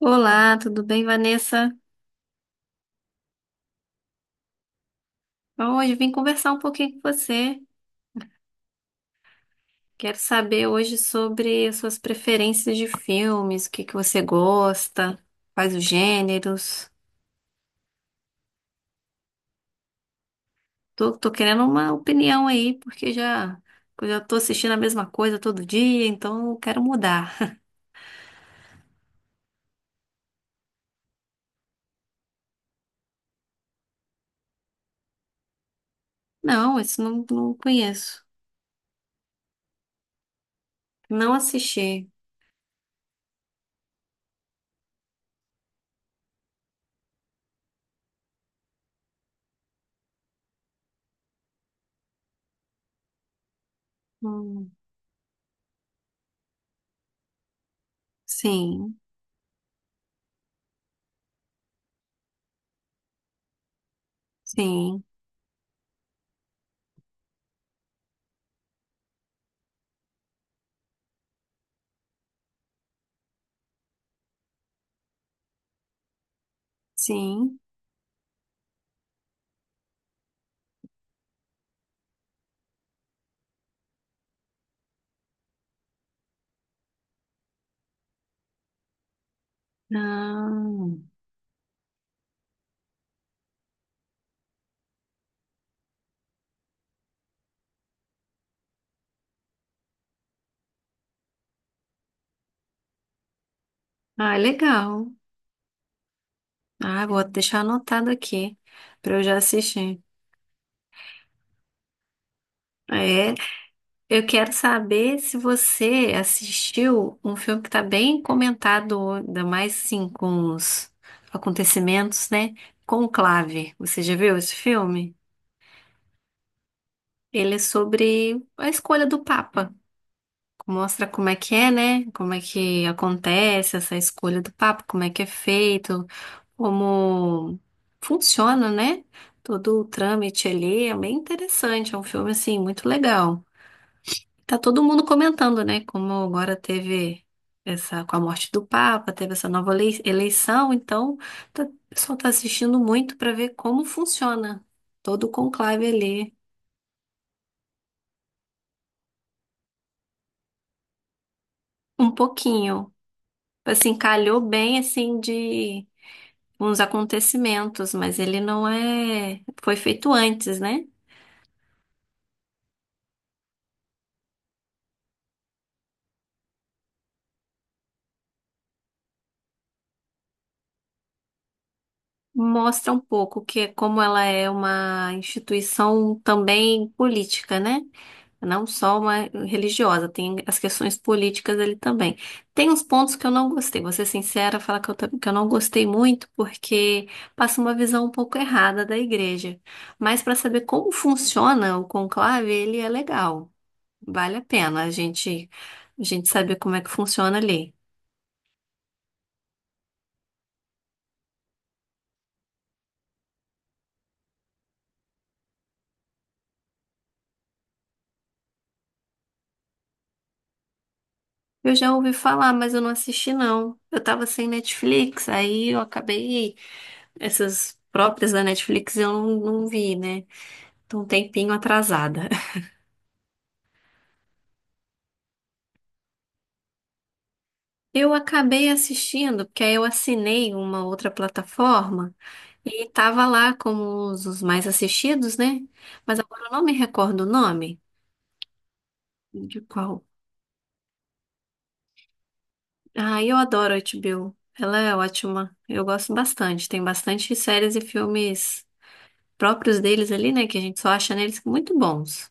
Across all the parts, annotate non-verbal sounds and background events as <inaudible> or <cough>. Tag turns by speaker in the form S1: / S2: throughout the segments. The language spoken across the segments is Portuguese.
S1: Olá, tudo bem, Vanessa? Hoje eu vim conversar um pouquinho com você. Quero saber hoje sobre as suas preferências de filmes, o que que você gosta, quais os gêneros. Tô querendo uma opinião aí, eu já tô assistindo a mesma coisa todo dia, então eu quero mudar. Não, esse não, não conheço. Não assisti. Hum, sim, sim, sim. Não. Ah, legal. Ah, vou deixar anotado aqui para eu já assistir. É, eu quero saber se você assistiu um filme que está bem comentado, ainda mais sim com os acontecimentos, né? Conclave. Você já viu esse filme? Ele é sobre a escolha do Papa. Mostra como é que é, né? Como é que acontece essa escolha do Papa, como é que é feito. Como funciona, né? Todo o trâmite ali é bem interessante, é um filme assim muito legal. Tá todo mundo comentando, né? Como agora teve essa com a morte do Papa, teve essa nova eleição, então o pessoal tá assistindo muito para ver como funciona todo o conclave ali, um pouquinho. Assim, calhou bem assim de uns acontecimentos, mas ele não é, foi feito antes, né? Mostra um pouco que é como ela é uma instituição também política, né? Não só uma religiosa, tem as questões políticas ali também. Tem uns pontos que eu não gostei, vou ser sincera, falar que que eu não gostei muito, porque passa uma visão um pouco errada da igreja. Mas para saber como funciona o conclave, ele é legal. Vale a pena a gente saber como é que funciona ali. Eu já ouvi falar, mas eu não assisti, não. Eu tava sem Netflix, aí eu acabei. Essas próprias da Netflix eu não, não vi, né? Tô um tempinho atrasada. <laughs> Eu acabei assistindo, porque aí eu assinei uma outra plataforma e tava lá como os mais assistidos, né? Mas agora eu não me recordo o nome de qual. Ah, eu adoro a HBO. Ela é ótima. Eu gosto bastante. Tem bastante séries e filmes próprios deles ali, né? Que a gente só acha neles muito bons.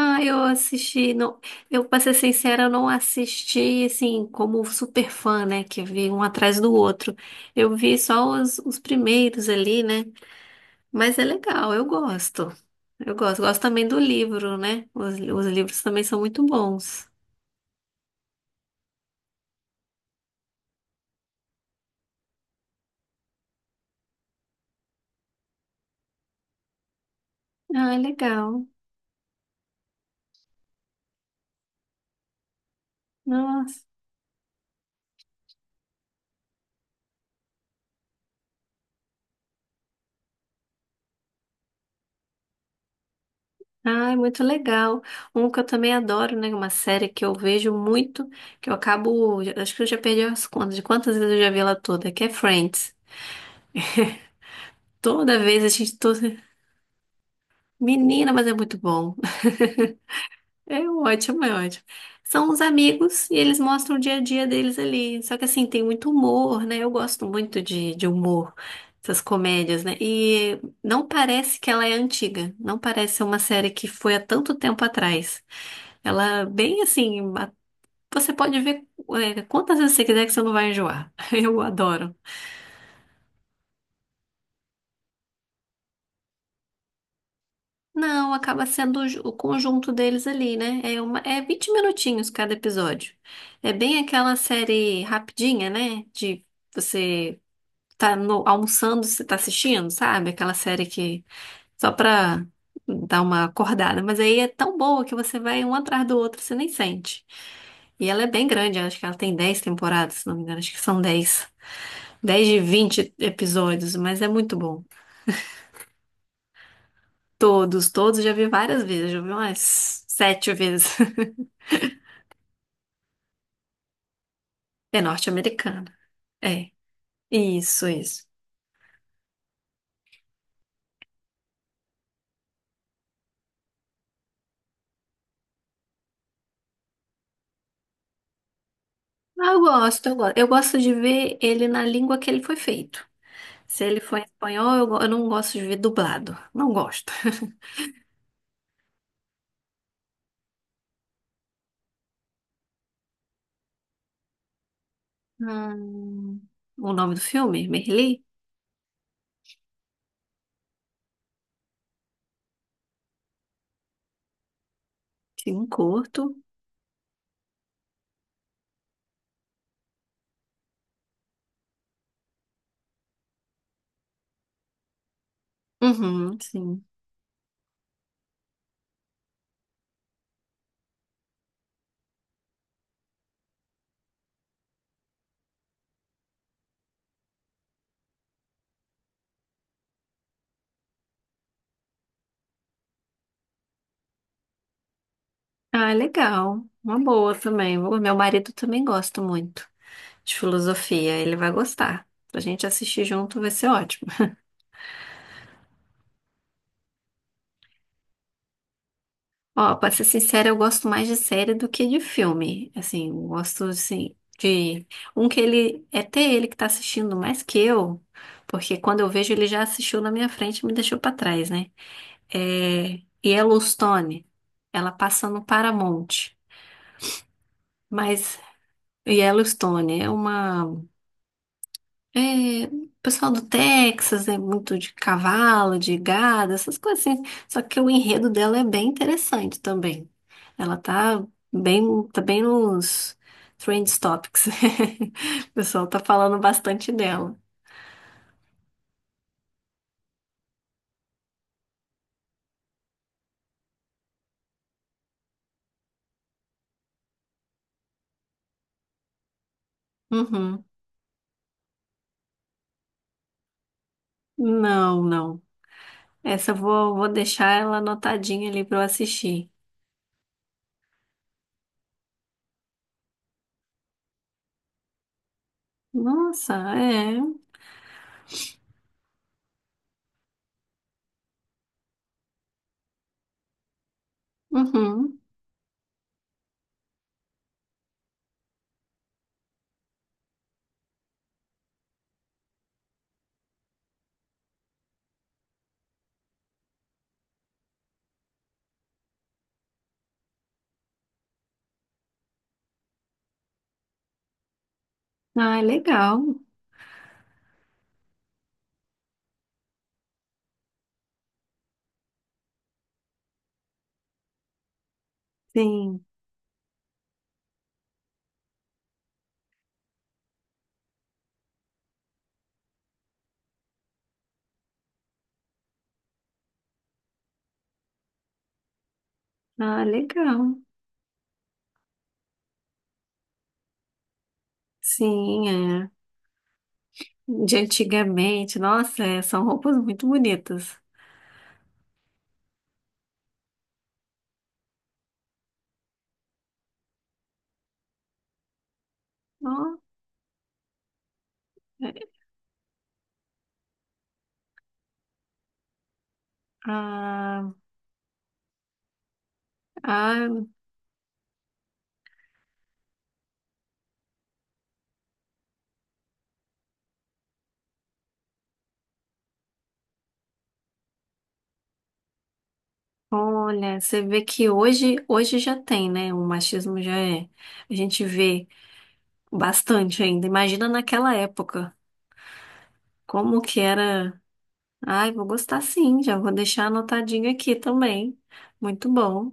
S1: Ah, eu assisti, não, eu pra ser sincera, eu não assisti assim como super fã, né? Que vi um atrás do outro. Eu vi só os primeiros ali, né? Mas é legal, eu gosto. Eu gosto, gosto também do livro, né? Os livros também são muito bons. Ah, é legal. Nossa. Ai, muito legal. Um que eu também adoro, né? Uma série que eu vejo muito, que eu acabo. Acho que eu já perdi as contas de quantas vezes eu já vi ela toda, que é Friends. Toda vez a gente. Tô... Menina, mas é muito bom. <laughs> É ótimo, é ótimo. São os amigos e eles mostram o dia a dia deles ali. Só que assim, tem muito humor, né? Eu gosto muito de humor, essas comédias, né? E não parece que ela é antiga. Não parece ser uma série que foi há tanto tempo atrás. Ela é bem assim. Você pode ver quantas vezes você quiser que você não vai enjoar. <laughs> Eu adoro. Não, acaba sendo o conjunto deles ali, né? É, uma, é 20 minutinhos cada episódio. É bem aquela série rapidinha, né? De você tá almoçando, você tá assistindo, sabe? Aquela série que só pra dar uma acordada. Mas aí é tão boa que você vai um atrás do outro, você nem sente. E ela é bem grande, acho que ela tem 10 temporadas, se não me engano, acho que são 10, 10 de 20 episódios, mas é muito bom. Todos, todos já vi várias vezes, já vi umas 7 vezes. <laughs> É norte-americana. É, isso, isso. Ah, eu gosto, eu gosto. Eu gosto de ver ele na língua que ele foi feito. Se ele for em espanhol, eu não gosto de ver dublado. Não gosto. Hum, o nome do filme? Merli? Sim, curto. Uhum, sim. Ah, legal. Uma boa também. O meu marido também gosta muito de filosofia. Ele vai gostar. Pra gente assistir junto vai ser ótimo. Ó, pra ser sincera, eu gosto mais de série do que de filme. Assim, eu gosto, assim, de... Um que ele... É até ele que tá assistindo mais que eu. Porque quando eu vejo, ele já assistiu na minha frente e me deixou pra trás, né? É... Yellowstone. Ela passa no Paramount. Mas Yellowstone é uma... É, o pessoal do Texas é muito de cavalo, de gado, essas coisas assim. Só que o enredo dela é bem interessante também. Ela tá tá bem nos trend topics. <laughs> O pessoal tá falando bastante dela. Uhum. Não, não. Essa eu vou, vou deixar ela anotadinha ali pra eu assistir. Nossa, é. Uhum. Ah, é legal. Sim. Ah, legal. Sim, é. De antigamente. Nossa, é, são roupas muito bonitas. Ó, é, ah, ah, olha, você vê que hoje, hoje já tem, né? O machismo já é. A gente vê bastante ainda. Imagina naquela época, como que era. Ai, vou gostar sim, já vou deixar anotadinho aqui também. Muito bom.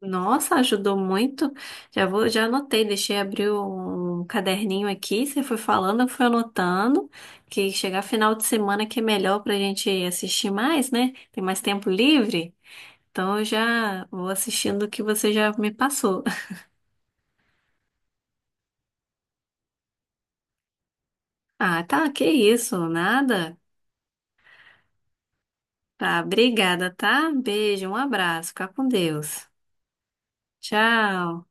S1: Nossa, ajudou muito. Já vou, já anotei, deixei abrir um caderninho aqui. Você foi falando, eu fui anotando. Que chegar final de semana que é melhor pra gente assistir mais, né? Tem mais tempo livre. Então eu já vou assistindo o que você já me passou. <laughs> Ah, tá, que isso, nada. Tá, obrigada, tá? Beijo, um abraço, fica com Deus. Tchau.